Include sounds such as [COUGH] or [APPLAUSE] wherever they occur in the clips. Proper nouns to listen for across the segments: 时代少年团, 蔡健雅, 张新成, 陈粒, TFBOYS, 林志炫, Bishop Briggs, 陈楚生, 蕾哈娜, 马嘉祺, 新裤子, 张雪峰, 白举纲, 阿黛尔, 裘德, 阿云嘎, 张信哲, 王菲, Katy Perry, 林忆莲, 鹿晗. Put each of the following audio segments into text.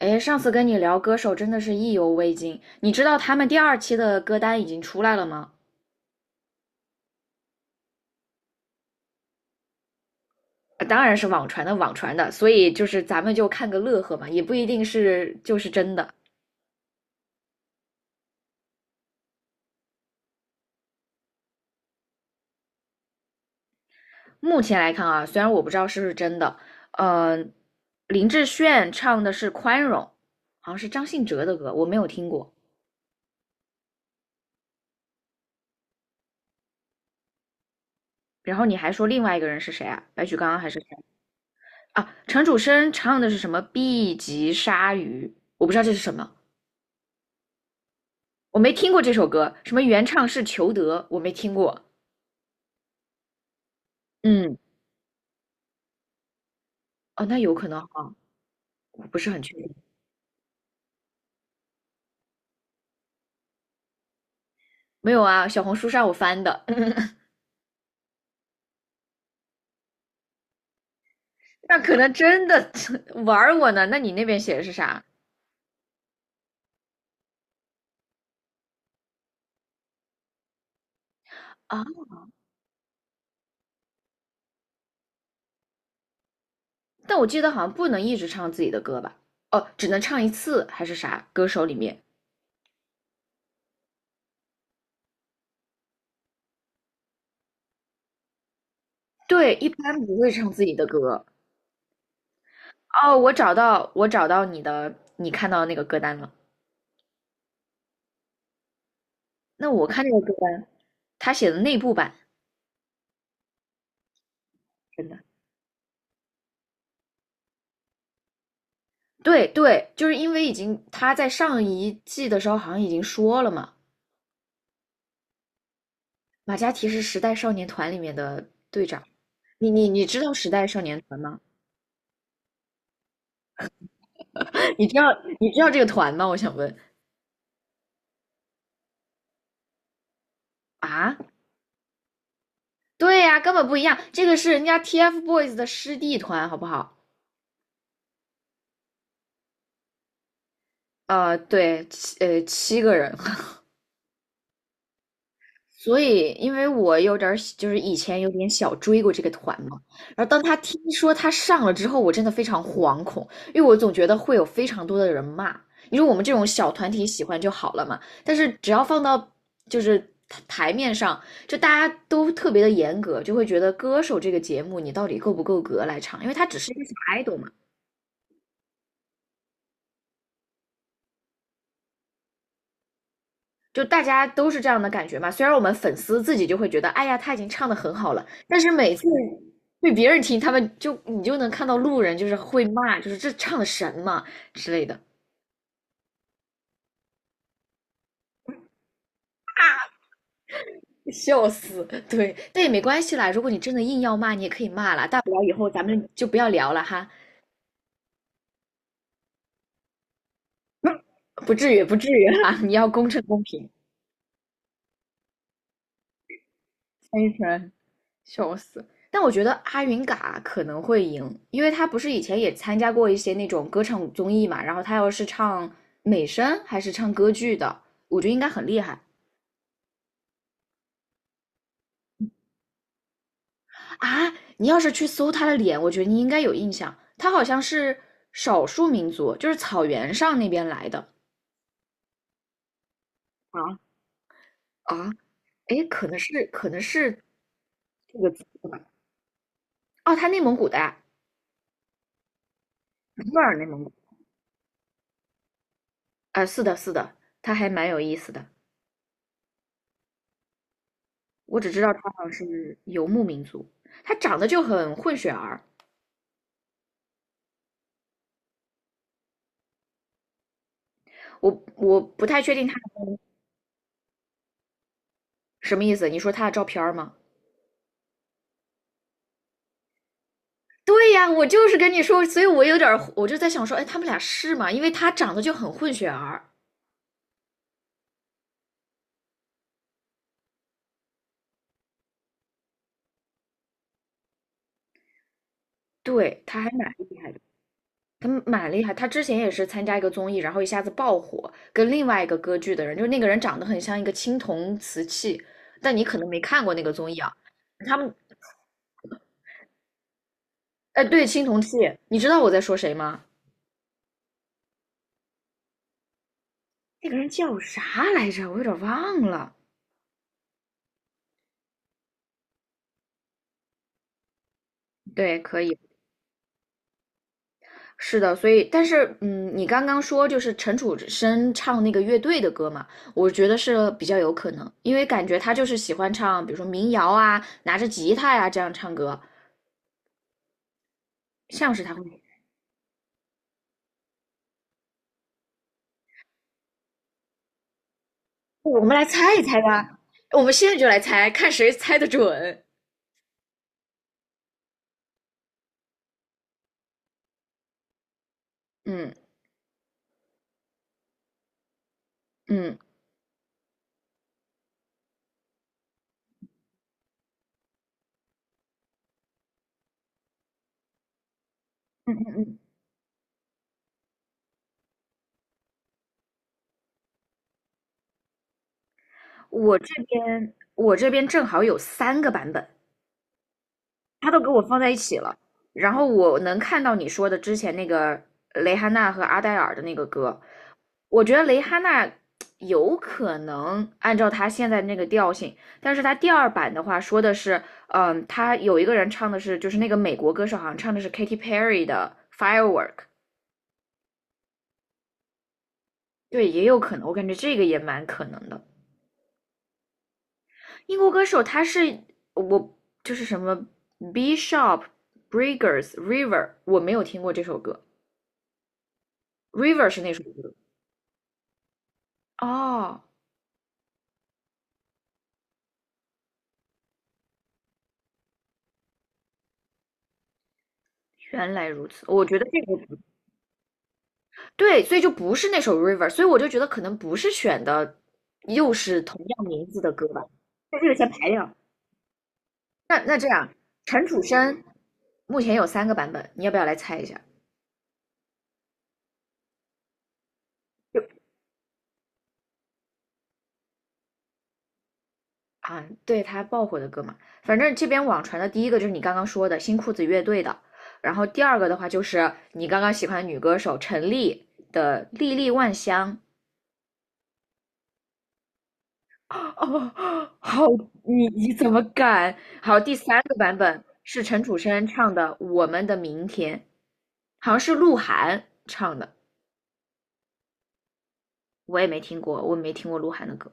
哎，上次跟你聊歌手真的是意犹未尽，你知道他们第二期的歌单已经出来了吗？当然是网传的，所以就是咱们就看个乐呵嘛，也不一定是就是真的。目前来看啊，虽然我不知道是不是真的，呃，林志炫唱的是《宽容》，好像是张信哲的歌，我没有听过。然后你还说另外一个人是谁啊？白举纲还是谁啊？陈楚生唱的是什么 B 级鲨鱼？我不知道这是什么。我没听过这首歌，什么原唱是裘德，我没听过。嗯，哦，那有可能哈，我不是很确定。没有啊，小红书上我翻的，[LAUGHS] 那可能真的 [LAUGHS] 玩儿我呢。那你那边写的是啥啊？但我记得好像不能一直唱自己的歌吧？哦，只能唱一次还是啥？歌手里面，对，一般不会唱自己的歌。哦，我找到你的，你看到的那个歌单了。那我看那个歌单，他写的内部版，真的。对对，就是因为已经他在上一季的时候好像已经说了嘛，马嘉祺是时代少年团里面的队长。你知道时代少年团吗？[LAUGHS] 你知道你知道这个团吗？我想问啊，对呀、根本不一样，这个是人家 TFBOYS 的师弟团，好不好？对，七个人，所以，因为我有点儿就是以前有点小追过这个团嘛，然后当他听说他上了之后，我真的非常惶恐，因为我总觉得会有非常多的人骂。你说我们这种小团体喜欢就好了嘛，但是只要放到就是台面上，就大家都特别的严格，就会觉得歌手这个节目你到底够不够格来唱，因为他只是一个小 idol 嘛，就大家都是这样的感觉嘛。虽然我们粉丝自己就会觉得，哎呀，他已经唱的很好了，但是每次被别人听，他们就你就能看到路人就是会骂，就是这唱的神嘛之类的，笑死。对，但也没关系啦，如果你真的硬要骂，你也可以骂啦，大不了以后咱们就不要聊了哈，不至于，不至于哈，你要公正公平。非常笑死！但我觉得阿云嘎可能会赢，因为他不是以前也参加过一些那种歌唱综艺嘛，然后他要是唱美声还是唱歌剧的，我觉得应该很厉害啊！你要是去搜他的脸，我觉得你应该有印象，他好像是少数民族，就是草原上那边来的啊啊，哎，可能是这个字吧，哦，他内蒙古的啊，尼泊尔内蒙古。啊是的，是的，他还蛮有意思的。我只知道他好像是游牧民族，他长得就很混血儿，我不太确定他什么意思。你说他的照片儿吗？对呀，我就是跟你说，所以我有点儿，我就在想说，哎，他们俩是吗？因为他长得就很混血儿，对，他还蛮厉害的，他蛮厉害。他之前也是参加一个综艺，然后一下子爆火，跟另外一个歌剧的人，就是那个人长得很像一个青铜瓷器，但你可能没看过那个综艺啊。他们，哎，对，青铜器，你知道我在说谁吗？那个人叫啥来着？我有点忘了。对，可以，是的，所以，但是，嗯，你刚刚说就是陈楚生唱那个乐队的歌嘛，我觉得是比较有可能，因为感觉他就是喜欢唱，比如说民谣啊，拿着吉他呀、这样唱歌，像是他会。我们来猜一猜吧 [LAUGHS]，我们现在就来猜，看谁猜的准。嗯嗯嗯嗯嗯，我这边正好有三个版本，他都给我放在一起了。然后我能看到你说的之前那个蕾哈娜和阿黛尔的那个歌，我觉得蕾哈娜有可能按照他现在那个调性，但是他第二版的话说的是，他有一个人唱的是，就是那个美国歌手好像唱的是 Katy Perry 的 Firework，对，也有可能，我感觉这个也蛮可能的。英国歌手他是我就是什么 Bishop Briggs River，我没有听过这首歌，River 是那首歌。哦，原来如此。我觉得这个对，所以就不是那首《River》，所以我就觉得可能不是选的又是同样名字的歌吧，那这个先排掉。那这样，陈楚生目前有三个版本，你要不要来猜一下？啊，对他爆火的歌嘛，反正这边网传的第一个就是你刚刚说的新裤子乐队的，然后第二个的话就是你刚刚喜欢的女歌手陈粒的《历历万香》，[LAUGHS] 哦，好，你怎么敢？好，第三个版本是陈楚生唱的《我们的明天》，好像是鹿晗唱的，我也没听过，我没听过鹿晗的歌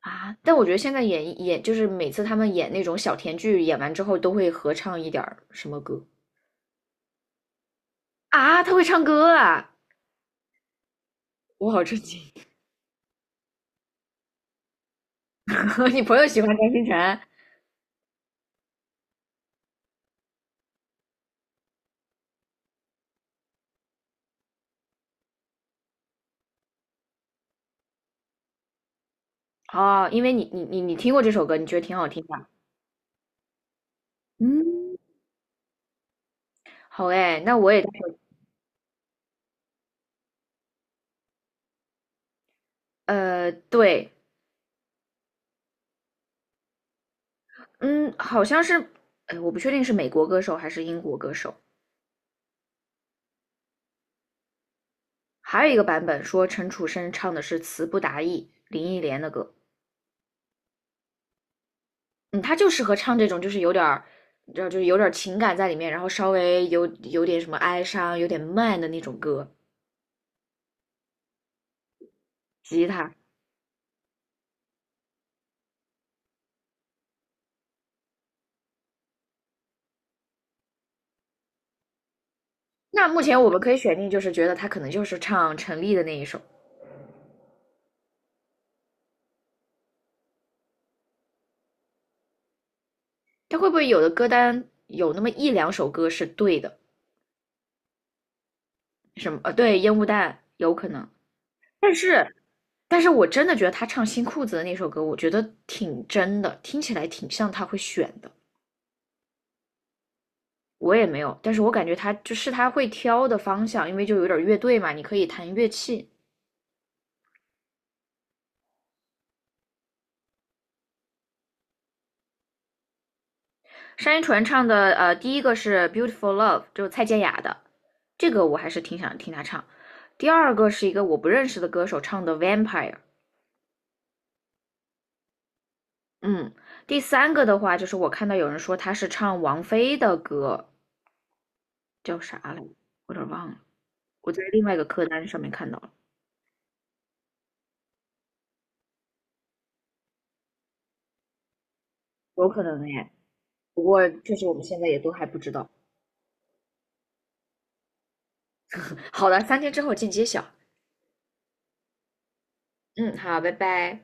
啊。但我觉得现在演演就是每次他们演那种小甜剧，演完之后都会合唱一点儿什么歌啊？他会唱歌啊！我好震惊。[LAUGHS] 你朋友喜欢张新成哦，因为你听过这首歌，你觉得挺好听的。嗯，好哎，那我也对，嗯，好像是，哎，我不确定是美国歌手还是英国歌手。还有一个版本说陈楚生唱的是词不达意，林忆莲的歌。嗯，他就适合唱这种，就是有点儿，你知道，就是有点儿情感在里面，然后稍微有点什么哀伤，有点慢的那种歌。吉他。那目前我们可以选定，就是觉得他可能就是唱陈粒的那一首。他会不会有的歌单有那么一两首歌是对的？什么？对，烟雾弹有可能。但是但是我真的觉得他唱《新裤子》的那首歌，我觉得挺真的，听起来挺像他会选的。我也没有，但是我感觉他就是他会挑的方向，因为就有点乐队嘛，你可以弹乐器。单依纯唱的，第一个是《Beautiful Love》，就是蔡健雅的，这个我还是挺想听他唱。第二个是一个我不认识的歌手唱的《Vampire》，嗯。第三个的话，就是我看到有人说他是唱王菲的歌，叫啥来着？我有点忘了，我在另外一个歌单上面看到了，有可能耶。不过确实我们现在也都还不知道。好的，3天之后见揭晓。嗯，好，拜拜。